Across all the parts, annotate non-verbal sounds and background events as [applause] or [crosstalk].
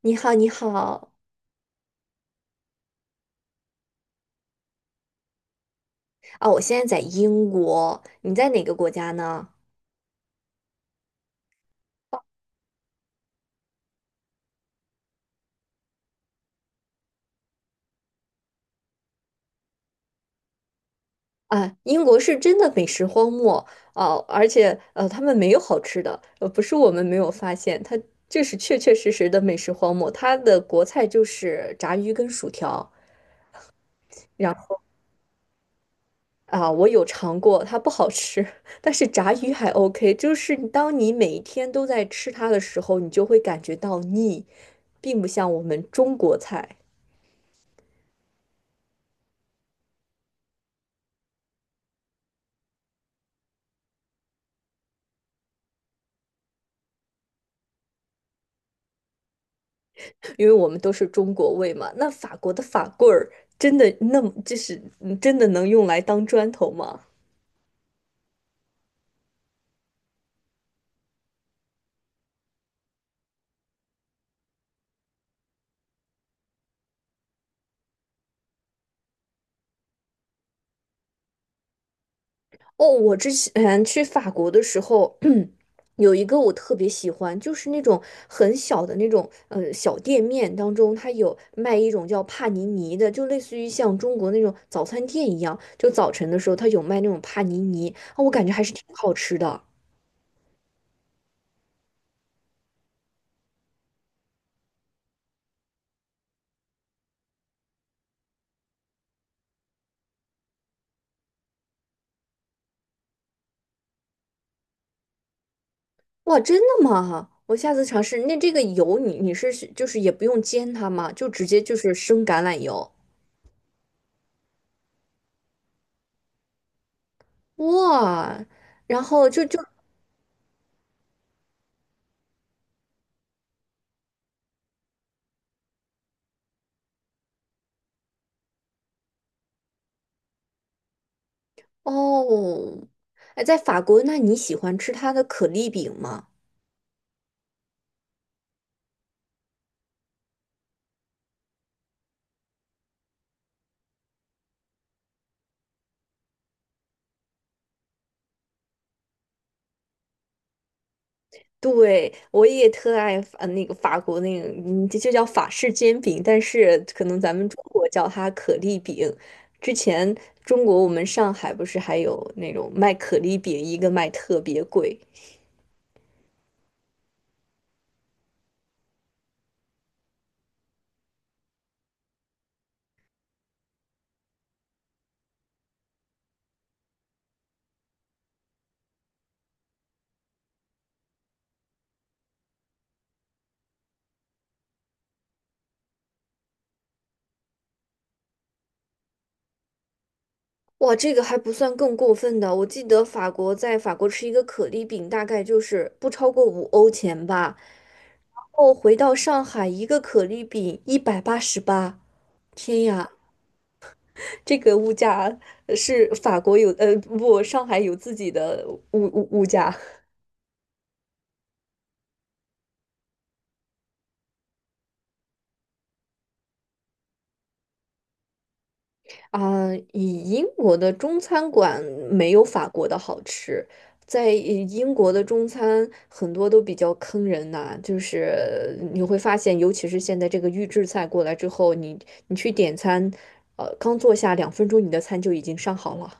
你好，你好啊！我现在在英国，你在哪个国家呢？啊，英国是真的美食荒漠哦，而且他们没有好吃的，不是我们没有发现，它这是确确实实的美食荒漠。它的国菜就是炸鱼跟薯条，然后啊，我有尝过，它不好吃。[laughs] 但是炸鱼还 OK，就是当你每一天都在吃它的时候，你就会感觉到腻，并不像我们中国菜。因为我们都是中国胃嘛。那法国的法棍儿真的那么就是真的能用来当砖头吗？哦，我之前去法国的时候，[clears throat] 有一个我特别喜欢，就是那种很小的那种小店面当中，它有卖一种叫帕尼尼的，就类似于像中国那种早餐店一样，就早晨的时候它有卖那种帕尼尼，啊，我感觉还是挺好吃的。哇，真的吗？我下次尝试。那这个油你是就是也不用煎它吗？就直接就是生橄榄油。哇，然后哦，哎，在法国，那你喜欢吃它的可丽饼吗？对，我也特爱那个法国那个，嗯，这就叫法式煎饼，但是可能咱们中国叫它可丽饼。之前中国我们上海不是还有那种卖可丽饼，一个卖特别贵。哇，这个还不算更过分的。我记得在法国吃一个可丽饼，大概就是不超过5欧钱吧。然后回到上海，一个可丽饼188。天呀，这个物价是法国有，呃，不，上海有自己的物价。啊，以英国的中餐馆没有法国的好吃，在英国的中餐很多都比较坑人呐、就是你会发现，尤其是现在这个预制菜过来之后，你去点餐，刚坐下2分钟，你的餐就已经上好了。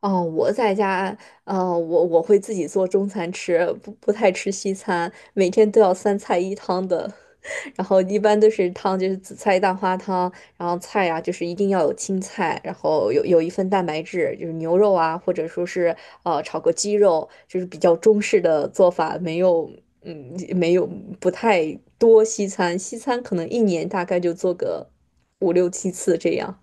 哦，我在家，啊，我会自己做中餐吃，不太吃西餐，每天都要三菜一汤的。[laughs] 然后一般都是汤就是紫菜蛋花汤，然后菜呀、就是一定要有青菜，然后有一份蛋白质，就是牛肉啊，或者说是炒个鸡肉，就是比较中式的做法，没有不太多西餐，西餐可能一年大概就做个5、6、7次这样。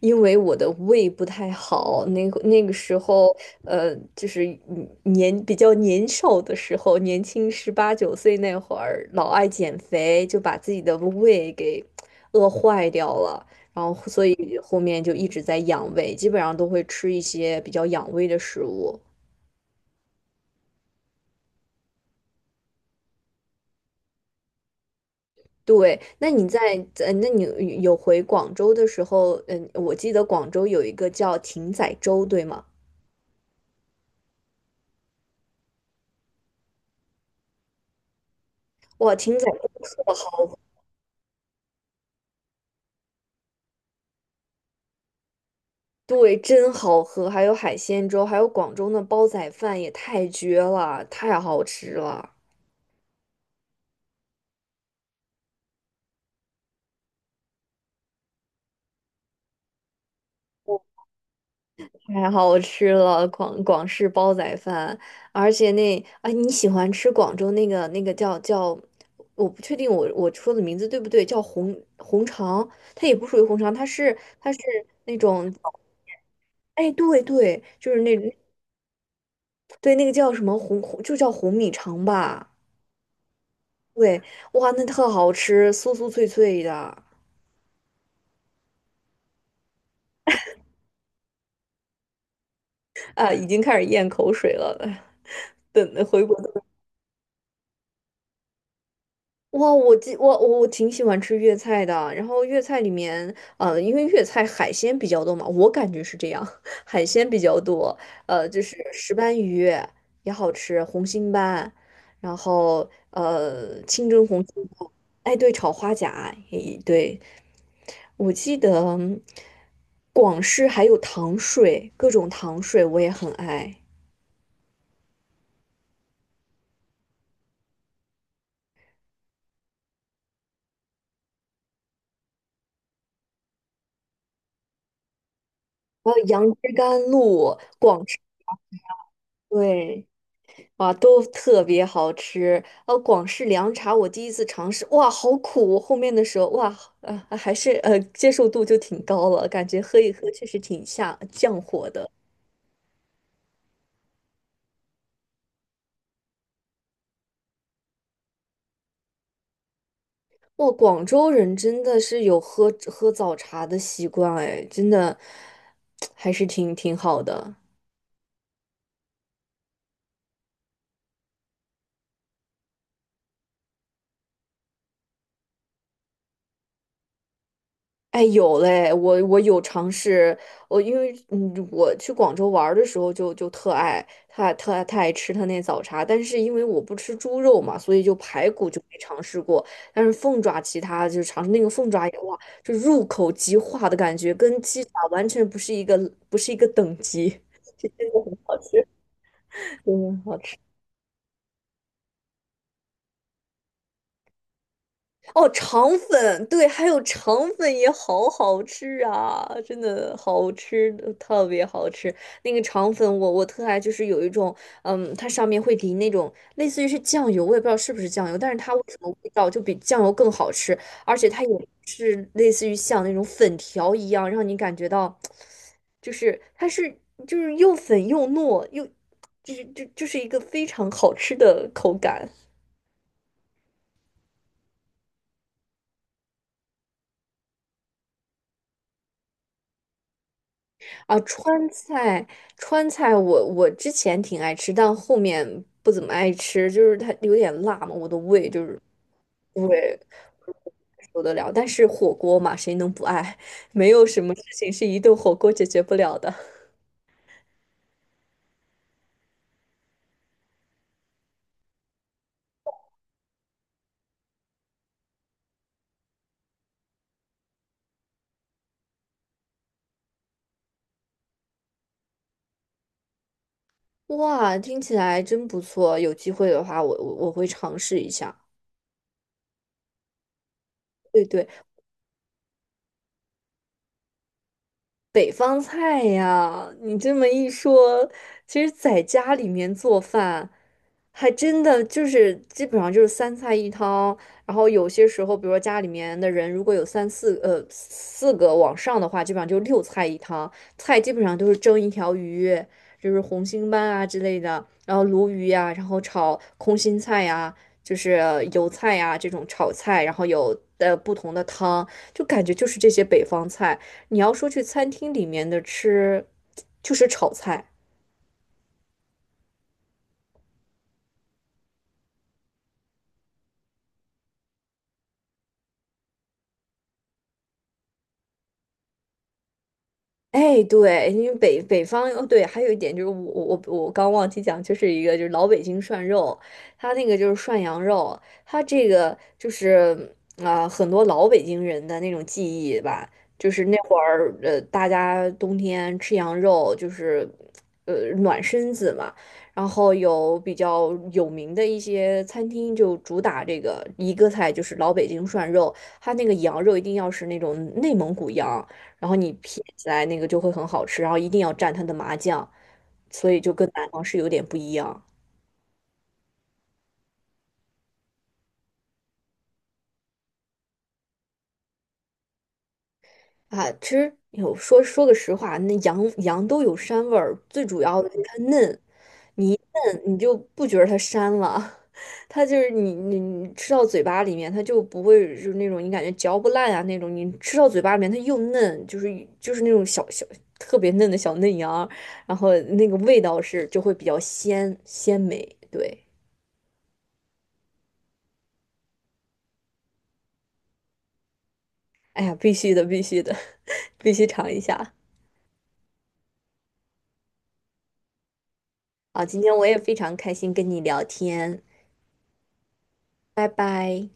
因为我的胃不太好，那个时候，就是比较年少的时候，年轻18、9岁那会儿，老爱减肥，就把自己的胃给饿坏掉了，然后所以后面就一直在养胃，基本上都会吃一些比较养胃的食物。对，那你有回广州的时候，嗯，我记得广州有一个叫艇仔粥，对吗？哇，艇仔粥对，真好喝，还有海鲜粥，还有广州的煲仔饭也太绝了，太好吃了，太好吃了，广式煲仔饭，而且那啊，你喜欢吃广州那个那个叫，我不确定我说的名字对不对，叫红肠，它也不属于红肠，它是那种，哎，对对，就是那对那个叫什么红红，就叫红米肠吧。对，哇，那特好吃，酥酥脆脆的。啊，已经开始咽口水了。[laughs] 等回国的哇，我记我我我挺喜欢吃粤菜的。然后粤菜里面，因为粤菜海鲜比较多嘛，我感觉是这样。[laughs] 海鲜比较多。就是石斑鱼也好吃，红心斑，然后清蒸红心斑。哎，对，炒花甲，也对。我记得广式还有糖水，各种糖水我也很爱。还有杨枝甘露，对，哇，都特别好吃。广式凉茶我第一次尝试，哇，好苦！后面的时候，哇，还是接受度就挺高了，感觉喝一喝确实挺下降火的。哇，广州人真的是有喝早茶的习惯，哎，真的 [tsk] 还是挺好的。哎，有嘞，我有尝试，我因为嗯，我去广州玩儿的时候就特爱吃他那早茶，但是因为我不吃猪肉嘛，所以就排骨就没尝试过，但是凤爪其他就尝试那个凤爪也哇，就入口即化的感觉，跟鸡爪完全不是一个等级。[laughs] 真的很好吃，真的很好吃。哦，肠粉，对，还有肠粉也好好吃啊，真的好吃，特别好吃。那个肠粉我特爱，就是有一种，它上面会淋那种类似于是酱油，我也不知道是不是酱油，但是它为什么味道就比酱油更好吃，而且它也是类似于像那种粉条一样，让你感觉到，就是它是就是又粉又糯又，就是一个非常好吃的口感。啊，川菜，川菜我之前挺爱吃，但后面不怎么爱吃，就是它有点辣嘛，我的胃就是不会受得了。但是火锅嘛，谁能不爱？[laughs] 没有什么事情是一顿火锅解决不了的。哇，听起来真不错，有机会的话我会尝试一下。对对，北方菜呀，你这么一说，其实在家里面做饭，还真的就是基本上就是三菜一汤。然后有些时候，比如说家里面的人如果有四个往上的话，基本上就六菜一汤。菜基本上都是蒸一条鱼，就是红星斑啊之类的，然后鲈鱼呀、然后炒空心菜呀、就是油菜呀、这种炒菜，然后有不同的汤，就感觉就是这些北方菜。你要说去餐厅里面的吃，就是炒菜，哎，对，因为北方哦，对，还有一点就是我刚忘记讲，就是一个就是老北京涮肉，它那个就是涮羊肉，它这个就是啊、很多老北京人的那种记忆吧，就是那会儿大家冬天吃羊肉就是暖身子嘛，然后有比较有名的一些餐厅就主打这个一个菜就是老北京涮肉，它那个羊肉一定要是那种内蒙古羊。然后你撇起来那个就会很好吃，然后一定要蘸它的麻酱，所以就跟南方是有点不一样。啊，其实有说个实话，那羊都有膻味儿，最主要的就是它嫩，你一嫩你就不觉得它膻了。[laughs] 它就是你吃到嘴巴里面，它就不会就是那种你感觉嚼不烂啊那种，你吃到嘴巴里面它又嫩，就是就是那种特别嫩的小嫩羊，然后那个味道是就会比较鲜美，对。哎呀，必须的，必须的。必须尝一下。好，今天我也非常开心跟你聊天，拜拜。